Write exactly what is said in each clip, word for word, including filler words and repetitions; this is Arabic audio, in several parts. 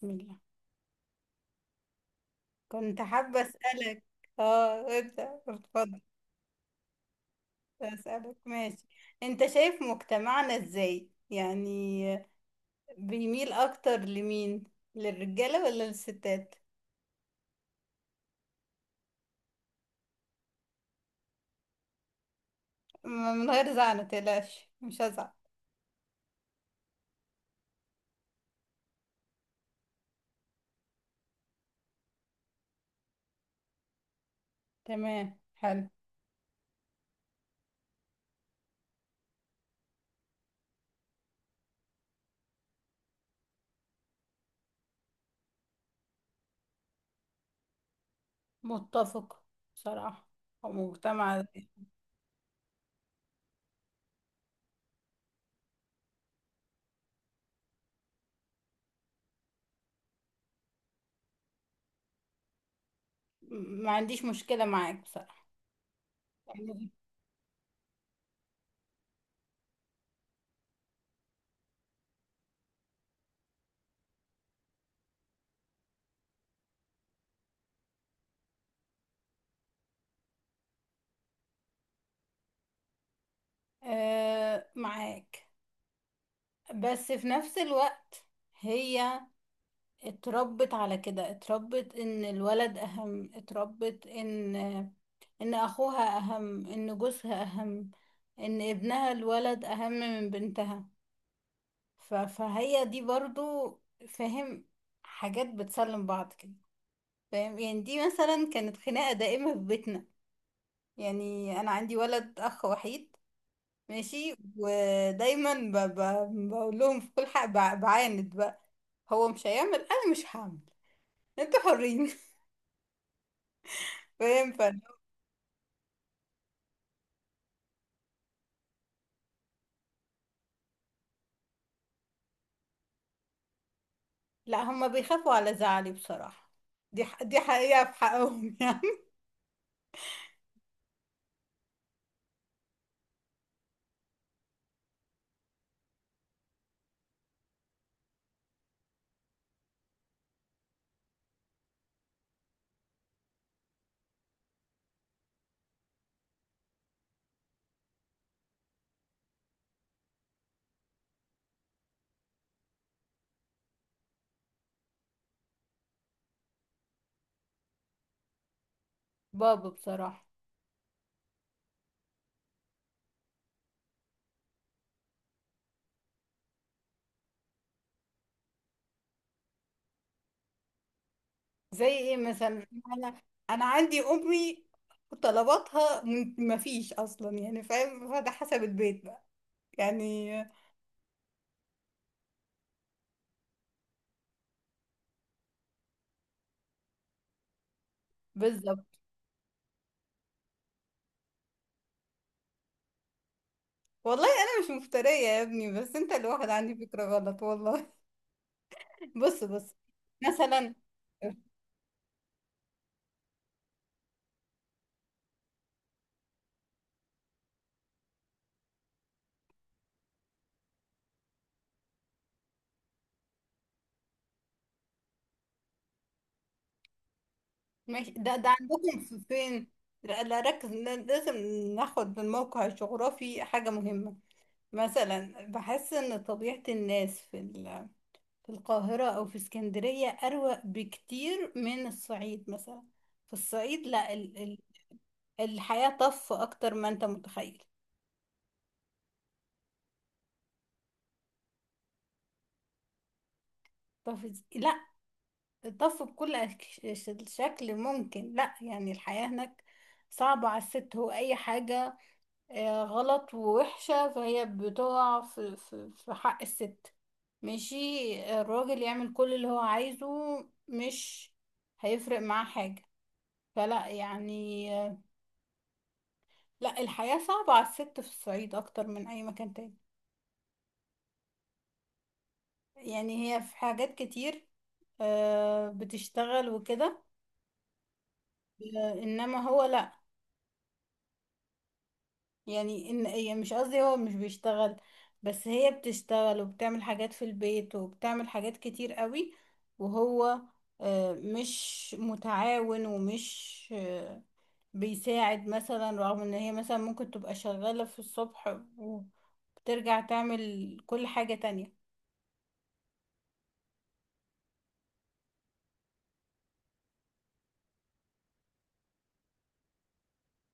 بسم الله. كنت حابة أسألك. اه ابدأ اتفضل. أسألك ماشي. انت شايف مجتمعنا ازاي يعني؟ بيميل اكتر لمين، للرجالة ولا للستات؟ م- من غير زعل، متقلقش مش هزعل. تمام حلو. متفق بصراحة، هو مجتمع. م- ما عنديش مشكلة معاك بصراحة يعني. آه معاك، بس في نفس الوقت هي اتربت على كده، اتربت ان الولد اهم، اتربت ان ان اخوها اهم، ان جوزها اهم، ان ابنها الولد اهم من بنتها. ف... فهي دي برضو، فاهم، حاجات بتسلم بعض كده. فاهم؟ يعني دي مثلا كانت خناقة دائمة في بيتنا. يعني انا عندي ولد اخ وحيد، ماشي، ودايما ب... ب... بقول لهم في كل حق، ب... بعاند بقى. هو مش هيعمل، انا مش هعمل. انتوا حرين. فاهم فن؟ لا، هما بيخافوا على زعلي بصراحة. دي ح... دي حقيقة في حقهم يعني. بابا بصراحة. زي ايه مثلا؟ انا انا عندي امي، طلباتها م- مفيش اصلا يعني. فاهم؟ فده حسب البيت بقى يعني. بالظبط. والله انا مش مفترية يا ابني، بس انت الواحد عندي فكرة غلط والله بص بص مثلا. ماشي، ده ده عندكم في- فين لا لا، ركز لا- لازم ناخد بالموقع الجغرافي، حاجة مهمة. مثلا بحس ان طبيعة الناس في ال- في القاهرة او في اسكندرية اروق بكتير من الصعيد. مثلا في الصعيد، لا ال ال الحياة طف اكتر ما انت متخيل. طف إز- لا طف بكل أك- ش- شكل ممكن. لا يعني الحياة هناك صعبة على الست. هو اي حاجة آه، غلط ووحشة، فهي بتقع في, في, في حق الست ماشي. الراجل يعمل كل اللي هو عايزه، مش هيفرق معاه حاجة. فلا يعني آه، لا الحياة صعبة على الست في الصعيد أكتر من أي مكان تاني. يعني هي في حاجات كتير آه، بتشتغل وكده، آه، إنما هو لا. يعني ان يعني مش قصدي هو مش بيشتغل، بس هي بتشتغل وبتعمل حاجات في البيت وبتعمل حاجات كتير قوي، وهو آه، مش متعاون ومش آه، بيساعد مثلا، رغم ان هي مثلا ممكن تبقى شغالة في الصبح وبترجع تعمل كل حاجة تانية.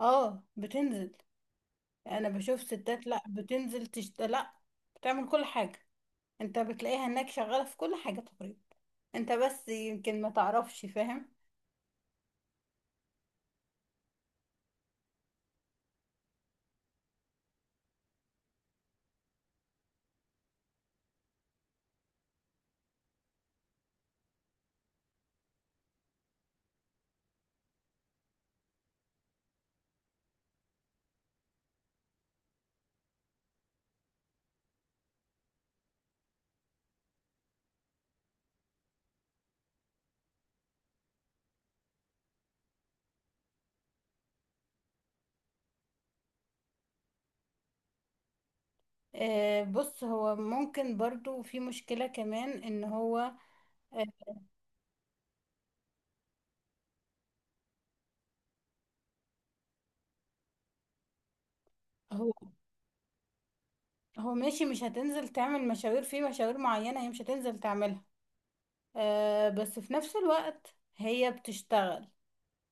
اه بتنزل. انا بشوف ستات، لا بتنزل تشت... لا بتعمل كل حاجة. انت بتلاقيها انك شغالة في كل حاجة تقريبا. انت بس يمكن ما تعرفش. فاهم؟ آه، بص هو ممكن برضو في مشكلة كمان ان هو آه، هو هو ماشي مش هتنزل تعمل مشاوير، في مشاوير معينة هي مش هتنزل تعملها. آه، بس في نفس الوقت هي بتشتغل،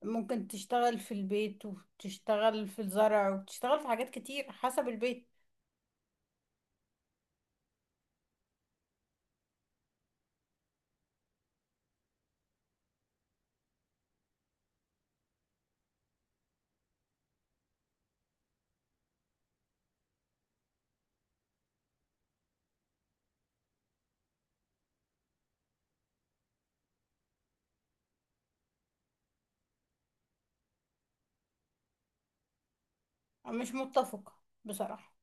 ممكن تشتغل في البيت وتشتغل في الزرع وتشتغل في حاجات كتير حسب البيت. مش متفقة بصراحة،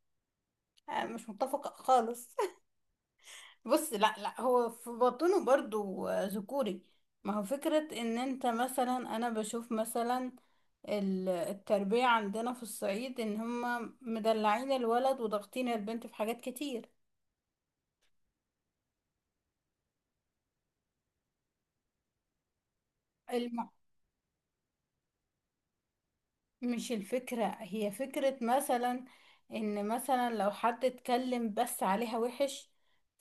آه، مش متفقة خالص. بص، لا لا هو في بطنه برضو آه، ذكوري ما هو فكرة ان انت مثلا، انا بشوف مثلا ال- التربية عندنا في الصعيد ان هما مدلعين الولد وضاغطين البنت في حاجات كتير. الم... مش الفكرة، هي فكرة مثلا ان مثلا لو حد اتكلم بس عليها وحش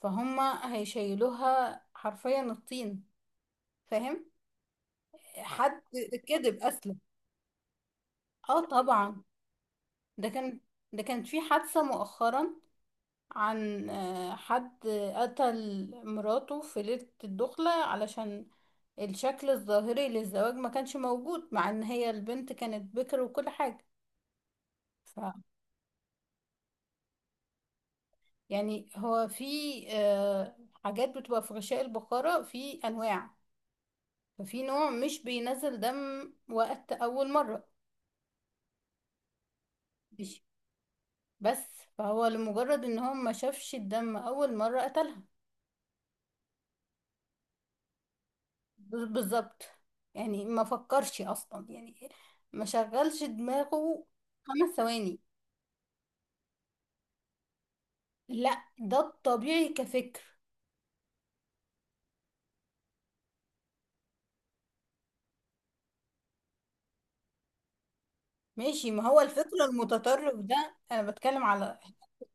فهما هيشيلوها حرفيا الطين. فاهم؟ حد كذب اصلا. اه طبعا. ده كان، ده كانت في حادثة مؤخرا عن آه، حد قتل مراته في ليلة الدخلة علشان الشكل الظاهري للزواج ما كانش موجود مع ان هي البنت كانت بكر وكل حاجة. ف يعني هو في آه، حاجات بتبقى في غشاء البقرة في انواع، ففي نوع مش بينزل دم وقت اول مرة. ماشي بس. فهو لمجرد ان هو ما شافش الدم اول مرة قتلها. ب- بالظبط يعني ما فكرش اصلا، يعني ما شغلش دماغه خمس ثواني. لا ده الطبيعي كفكر. ماشي، ما هو الفكر المتطرف ده انا بتكلم على.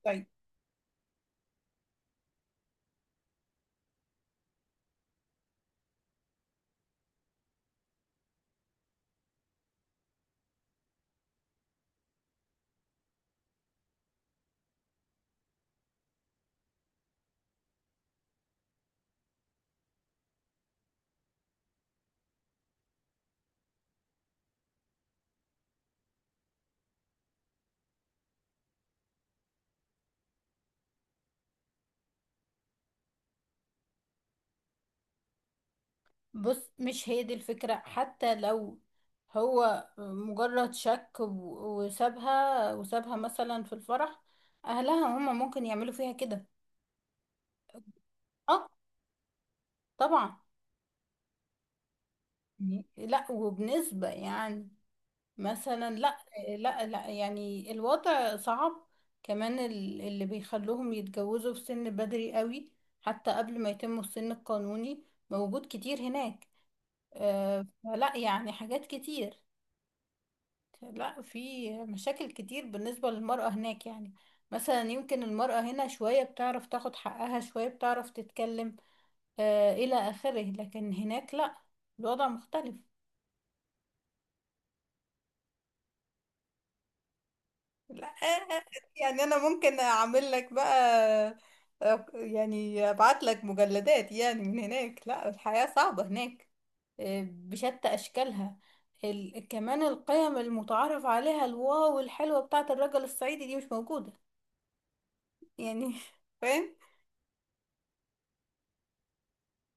طيب بص، مش هي دي الفكرة. حتى لو هو مجرد شك و- وسابها وسابها مثلا في الفرح، اهلها هما ممكن يعملوا فيها كده. اه طبعا. يعني لا، وبنسبة يعني مثلا لا. لا لا يعني الوضع صعب. كمان ال- اللي بيخلوهم يتجوزوا في سن بدري قوي، حتى قبل ما يتموا السن القانوني، موجود كتير هناك. آه، فلا يعني حاجات كتير. لا، في مشاكل كتير بالنسبة للمرأة هناك. يعني مثلا يمكن المرأة هنا شوية بتعرف تاخد حقها، شوية بتعرف تتكلم آه، إلى آخره، لكن هناك لا، الوضع مختلف. لا يعني انا ممكن اعمل لك بقى، يعني ابعت لك مجلدات يعني من هناك. لا الحياة صعبة هناك آه، بشتى اشكالها. ال... كمان القيم المتعارف عليها الواو الحلوة بتاعة الرجل الصعيدي دي مش موجودة يعني فاهم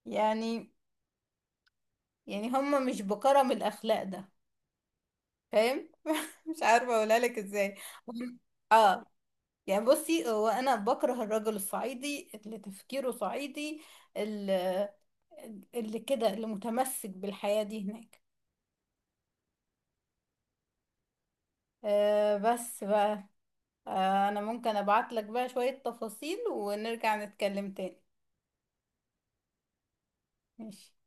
يعني؟ يعني هما مش بكرم الاخلاق ده. فاهم مش عارفة اقولها لك ازاي. هم- اه يعني، بصي هو انا بكره الرجل الصعيدي اللي تفكيره صعيدي، اللي, اللي كده، اللي متمسك بالحياة دي هناك. أه بس بقى. أه انا ممكن ابعت لك بقى شوية تفاصيل ونرجع نتكلم تاني. ماشي.